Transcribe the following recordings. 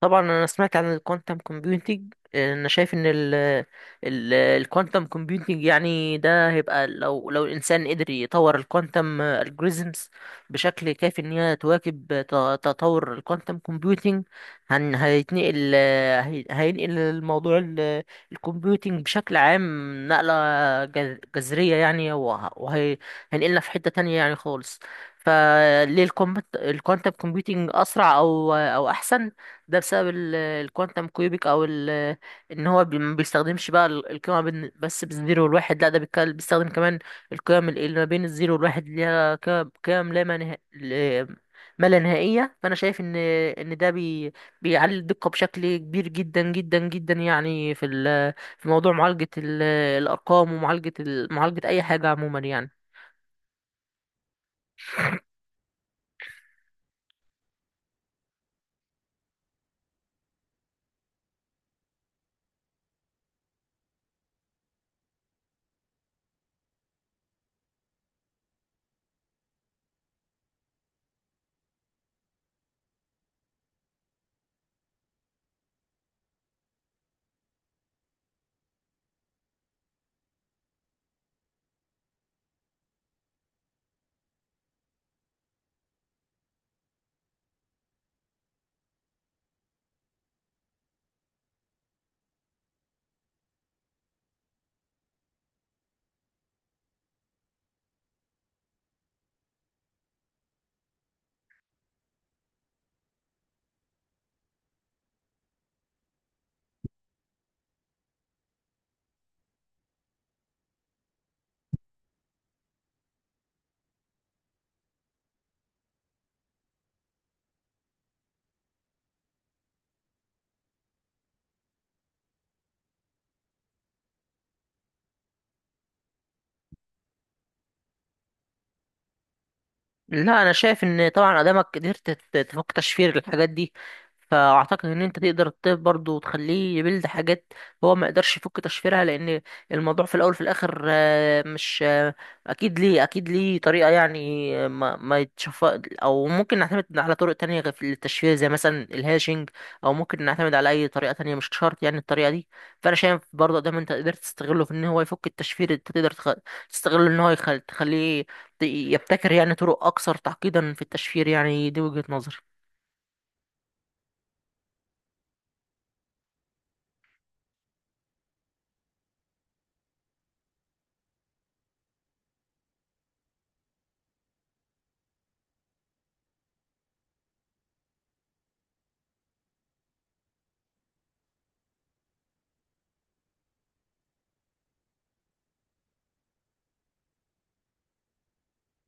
طبعا انا سمعت عن الكوانتم كومبيوتنج. انا شايف ان الكوانتم كومبيوتنج، يعني ده هيبقى لو الانسان قدر يطور الكوانتم الجوريزمز بشكل كافي ان هي تواكب تطور الكوانتم كومبيوتنج. هيتنقل هينقل الموضوع الكمبيوتنج بشكل عام نقلة جذرية، يعني وهي هينقلنا في حتة تانية يعني خالص. فليه الكوانتم كومبيوتنج اسرع او احسن؟ ده بسبب الكوانتم كيوبيك او ان هو ما بيستخدمش بقى القيمه بس بالزيرو والواحد، لا ده بيستخدم كمان القيم اللي ما بين الزيرو والواحد، اللي هي قيم لا منها، ما لا نهائيه. فانا شايف ان بيعلي الدقه بشكل كبير جدا جدا جدا، يعني في في موضوع معالجه الارقام، ومعالجه معالجه اي حاجه عموما يعني. لا، انا شايف ان طبعا ادامك قدرت تفك تشفير الحاجات دي، فاعتقد ان انت تقدر الطب برضه تخليه يبلد حاجات هو ما يقدرش يفك تشفيرها، لان الموضوع في الاول في الاخر مش اكيد ليه، اكيد ليه طريقه يعني ما يتشف، او ممكن نعتمد على طرق تانية غير في التشفير زي مثلا الهاشنج، او ممكن نعتمد على اي طريقه تانية، مش شرط يعني الطريقه دي. فانا شايف برضه ده ما انت قدرت تستغله في ان هو يفك التشفير، انت تقدر تستغله ان هو تخليه يبتكر يعني طرق أكثر تعقيدا في التشفير. يعني دي وجهة نظري.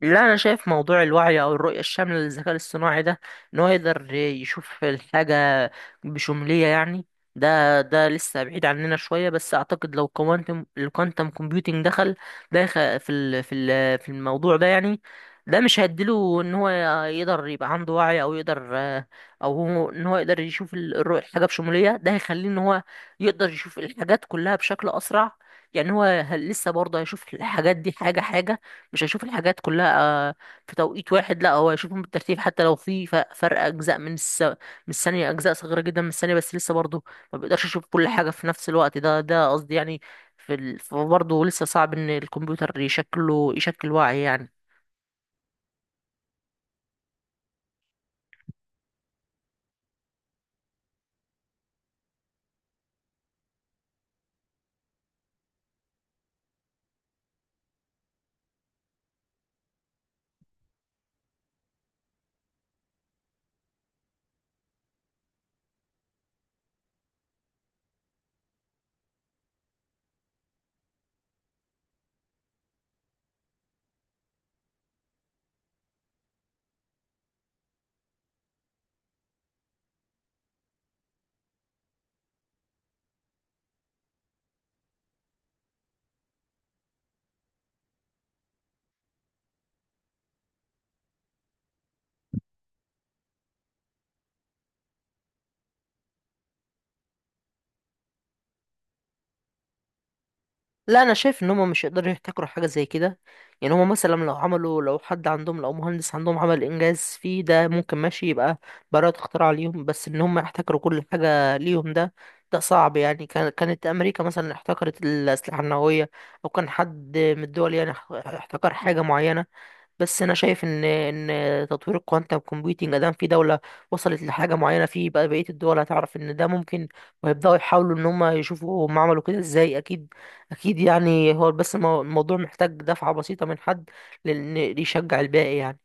لا، انا شايف موضوع الوعي او الرؤيه الشامله للذكاء الاصطناعي ده، ان هو يقدر يشوف الحاجه بشموليه يعني، ده لسه بعيد عننا شويه. بس اعتقد لو الكوانتم كومبيوتنج دخل ده يخ- في ال- في ال- في الموضوع ده، يعني ده مش هيديله ان هو يقدر يبقى عنده وعي، او يقدر او هو ان هو يقدر يشوف الرؤيه الحاجه بشموليه. ده هيخليه ان هو يقدر يشوف الحاجات كلها بشكل اسرع، يعني هو لسه برضه هيشوف الحاجات دي حاجه حاجه، مش هيشوف الحاجات كلها آه، في توقيت واحد. لا، هو هيشوفهم بالترتيب، حتى لو في فرق اجزاء من من الثانيه، اجزاء صغيره جدا من الثانيه، بس لسه برضه ما بيقدرش يشوف كل حاجه في نفس الوقت. ده قصدي يعني. برضه لسه صعب ان الكمبيوتر يشكله يشكل وعي يعني. لا، انا شايف ان هم مش يقدروا يحتكروا حاجه زي كده. يعني هم مثلا لو عملوا، لو حد عندهم لو مهندس عندهم عمل انجاز فيه، ده ممكن ماشي يبقى براءة اختراع ليهم، بس ان هم يحتكروا كل حاجه ليهم، ده صعب يعني. كان كانت امريكا مثلا احتكرت الاسلحه النوويه، او كان حد من الدول يعني احتكر حاجه معينه. بس انا شايف ان ان تطوير الكوانتم كومبيوتنج ادام في دوله وصلت لحاجه معينه فيه، بقى بقيه الدول هتعرف ان ده ممكن، وهيبداوا يحاولوا ان هم يشوفوا هم عملوا كده ازاي، اكيد اكيد يعني. هو بس الموضوع محتاج دفعه بسيطه من حد، لان يشجع الباقي يعني.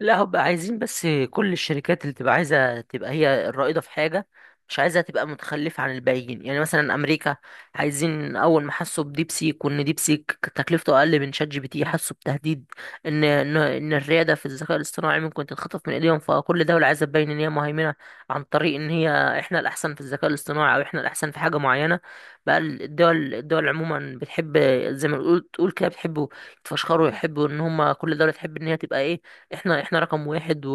لا، هبقى عايزين بس كل الشركات اللي تبقى عايزة تبقى هي الرائدة في حاجة، مش عايزة تبقى متخلفة عن الباقيين. يعني مثلا أمريكا عايزين، أول ما حسوا بديبسيك وإن ديبسيك تكلفته أقل من شات جي بي تي، حسوا بتهديد إن إن الريادة في الذكاء الاصطناعي ممكن تتخطف من إيديهم. فكل دولة عايزة تبين إن هي مهيمنة عن طريق إن هي إحنا الأحسن في الذكاء الاصطناعي، أو إحنا الأحسن في حاجة معينة. بقى الدول عموما بتحب، زي ما تقول تقول كده، بتحبوا يتفشخروا، يحبوا إن هما كل دولة تحب إن هي تبقى إيه، احنا احنا رقم واحد و...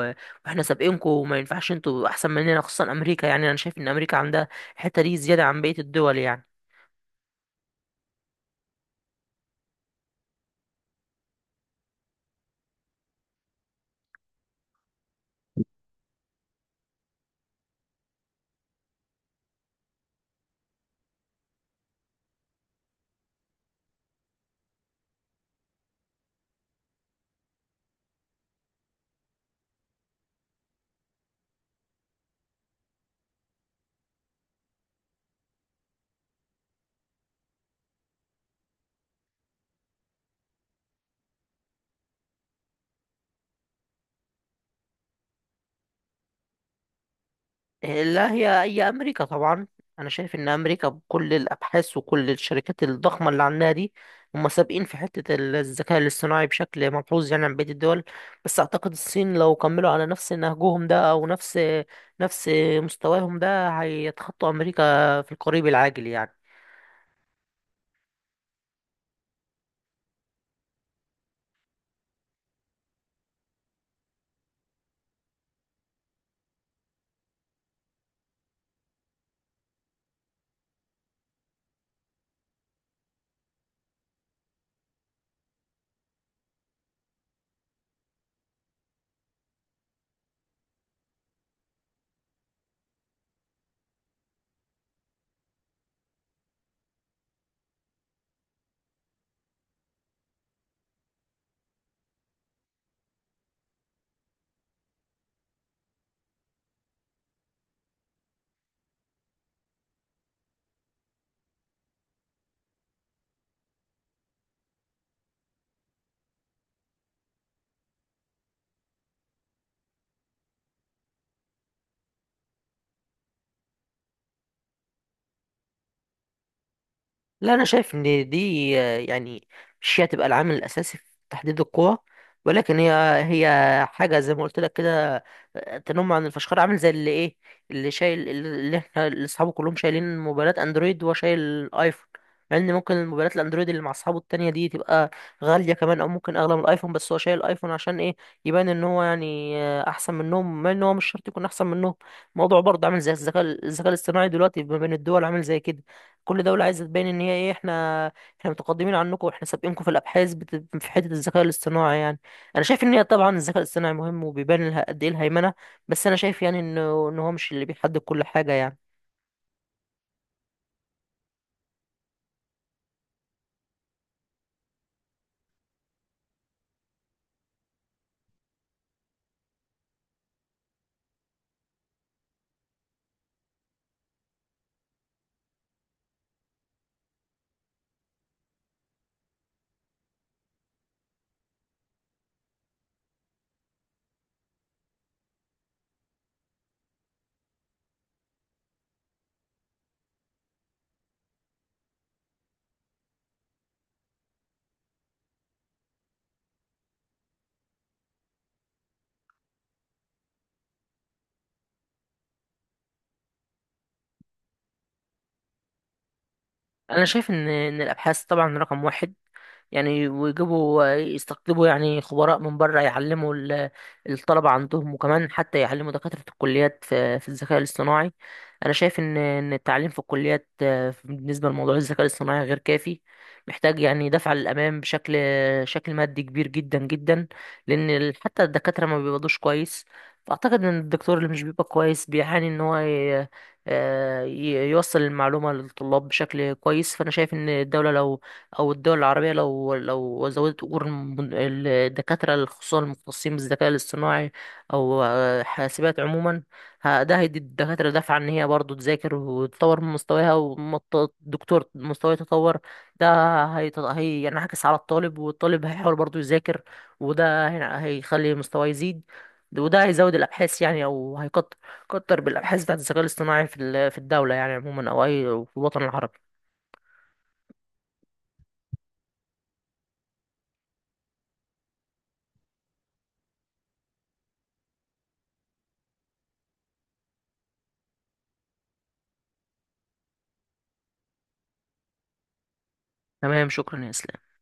و... واحنا سابقينكم، وما ينفعش انتوا احسن مننا، خصوصا امريكا. يعني انا شايف ان امريكا عندها الحته دي زياده عن بقيه الدول يعني. لا، هي اي امريكا طبعا. انا شايف ان امريكا بكل الابحاث وكل الشركات الضخمه اللي عندها دي، هم سابقين في حته الذكاء الاصطناعي بشكل ملحوظ يعني عن بقيه الدول. بس اعتقد الصين لو كملوا على نفس نهجهم ده، او نفس مستواهم ده، هيتخطوا امريكا في القريب العاجل يعني. لا، انا شايف ان دي يعني مش هي تبقى العامل الاساسي في تحديد القوى، ولكن هي هي حاجه زي ما قلت لك كده، تنم عن الفشخار. عامل زي اللي ايه، اللي شايل، اللي احنا اللي اصحابه كلهم شايلين موبايلات اندرويد وهو شايل ايفون. مع ان ممكن الموبايلات الاندرويد اللي مع اصحابه التانية دي تبقى غاليه كمان، او ممكن اغلى من الايفون، بس هو شايل الايفون عشان ايه؟ يبان ان هو يعني احسن منهم، مع ان هو مش شرط يكون احسن منهم. الموضوع برضه عامل زي الذكاء الاصطناعي دلوقتي ما بين الدول، عامل زي كده. كل دولة عايزة تبين ان هي ايه، احنا احنا متقدمين عنكم، واحنا سابقينكم في الابحاث في حتة الذكاء الاصطناعي يعني. انا شايف ان هي طبعا الذكاء الاصطناعي مهم وبيبان لها قد ايه الهيمنة، بس انا شايف يعني انه ان هو مش اللي بيحدد كل حاجة يعني. انا شايف ان الابحاث طبعا رقم واحد، يعني ويجيبوا يستقطبوا يعني خبراء من بره يعلموا الطلبة عندهم، وكمان حتى يعلموا دكاترة الكليات في في الذكاء الاصطناعي. أنا شايف إن التعليم في الكليات بالنسبة لموضوع الذكاء الاصطناعي غير كافي، محتاج يعني دفع للأمام بشكل شكل مادي كبير جدا جدا، لأن حتى الدكاترة ما بيقبضوش كويس. فأعتقد إن الدكتور اللي مش بيبقى كويس بيعاني إن هو يوصل المعلومة للطلاب بشكل كويس. فأنا شايف إن الدولة لو او الدول العربيه لو زودت اجور الدكاتره، خصوصا المختصين بالذكاء الاصطناعي، او حاسبات عموما، ده هيدي الدكاتره دفعه ان هي برضه تذاكر وتطور من مستواها، والدكتور مستواه يتطور. ده هيت- هي يعني هيعكس على الطالب، والطالب هيحاول برضه يذاكر، وده هيخلي مستواه يزيد، وده هيزود الابحاث يعني، او هيكتر كتر بالابحاث بتاعت الذكاء الاصطناعي في في الدوله يعني عموما، او اي في الوطن العربي. تمام، شكرا يا اسلام.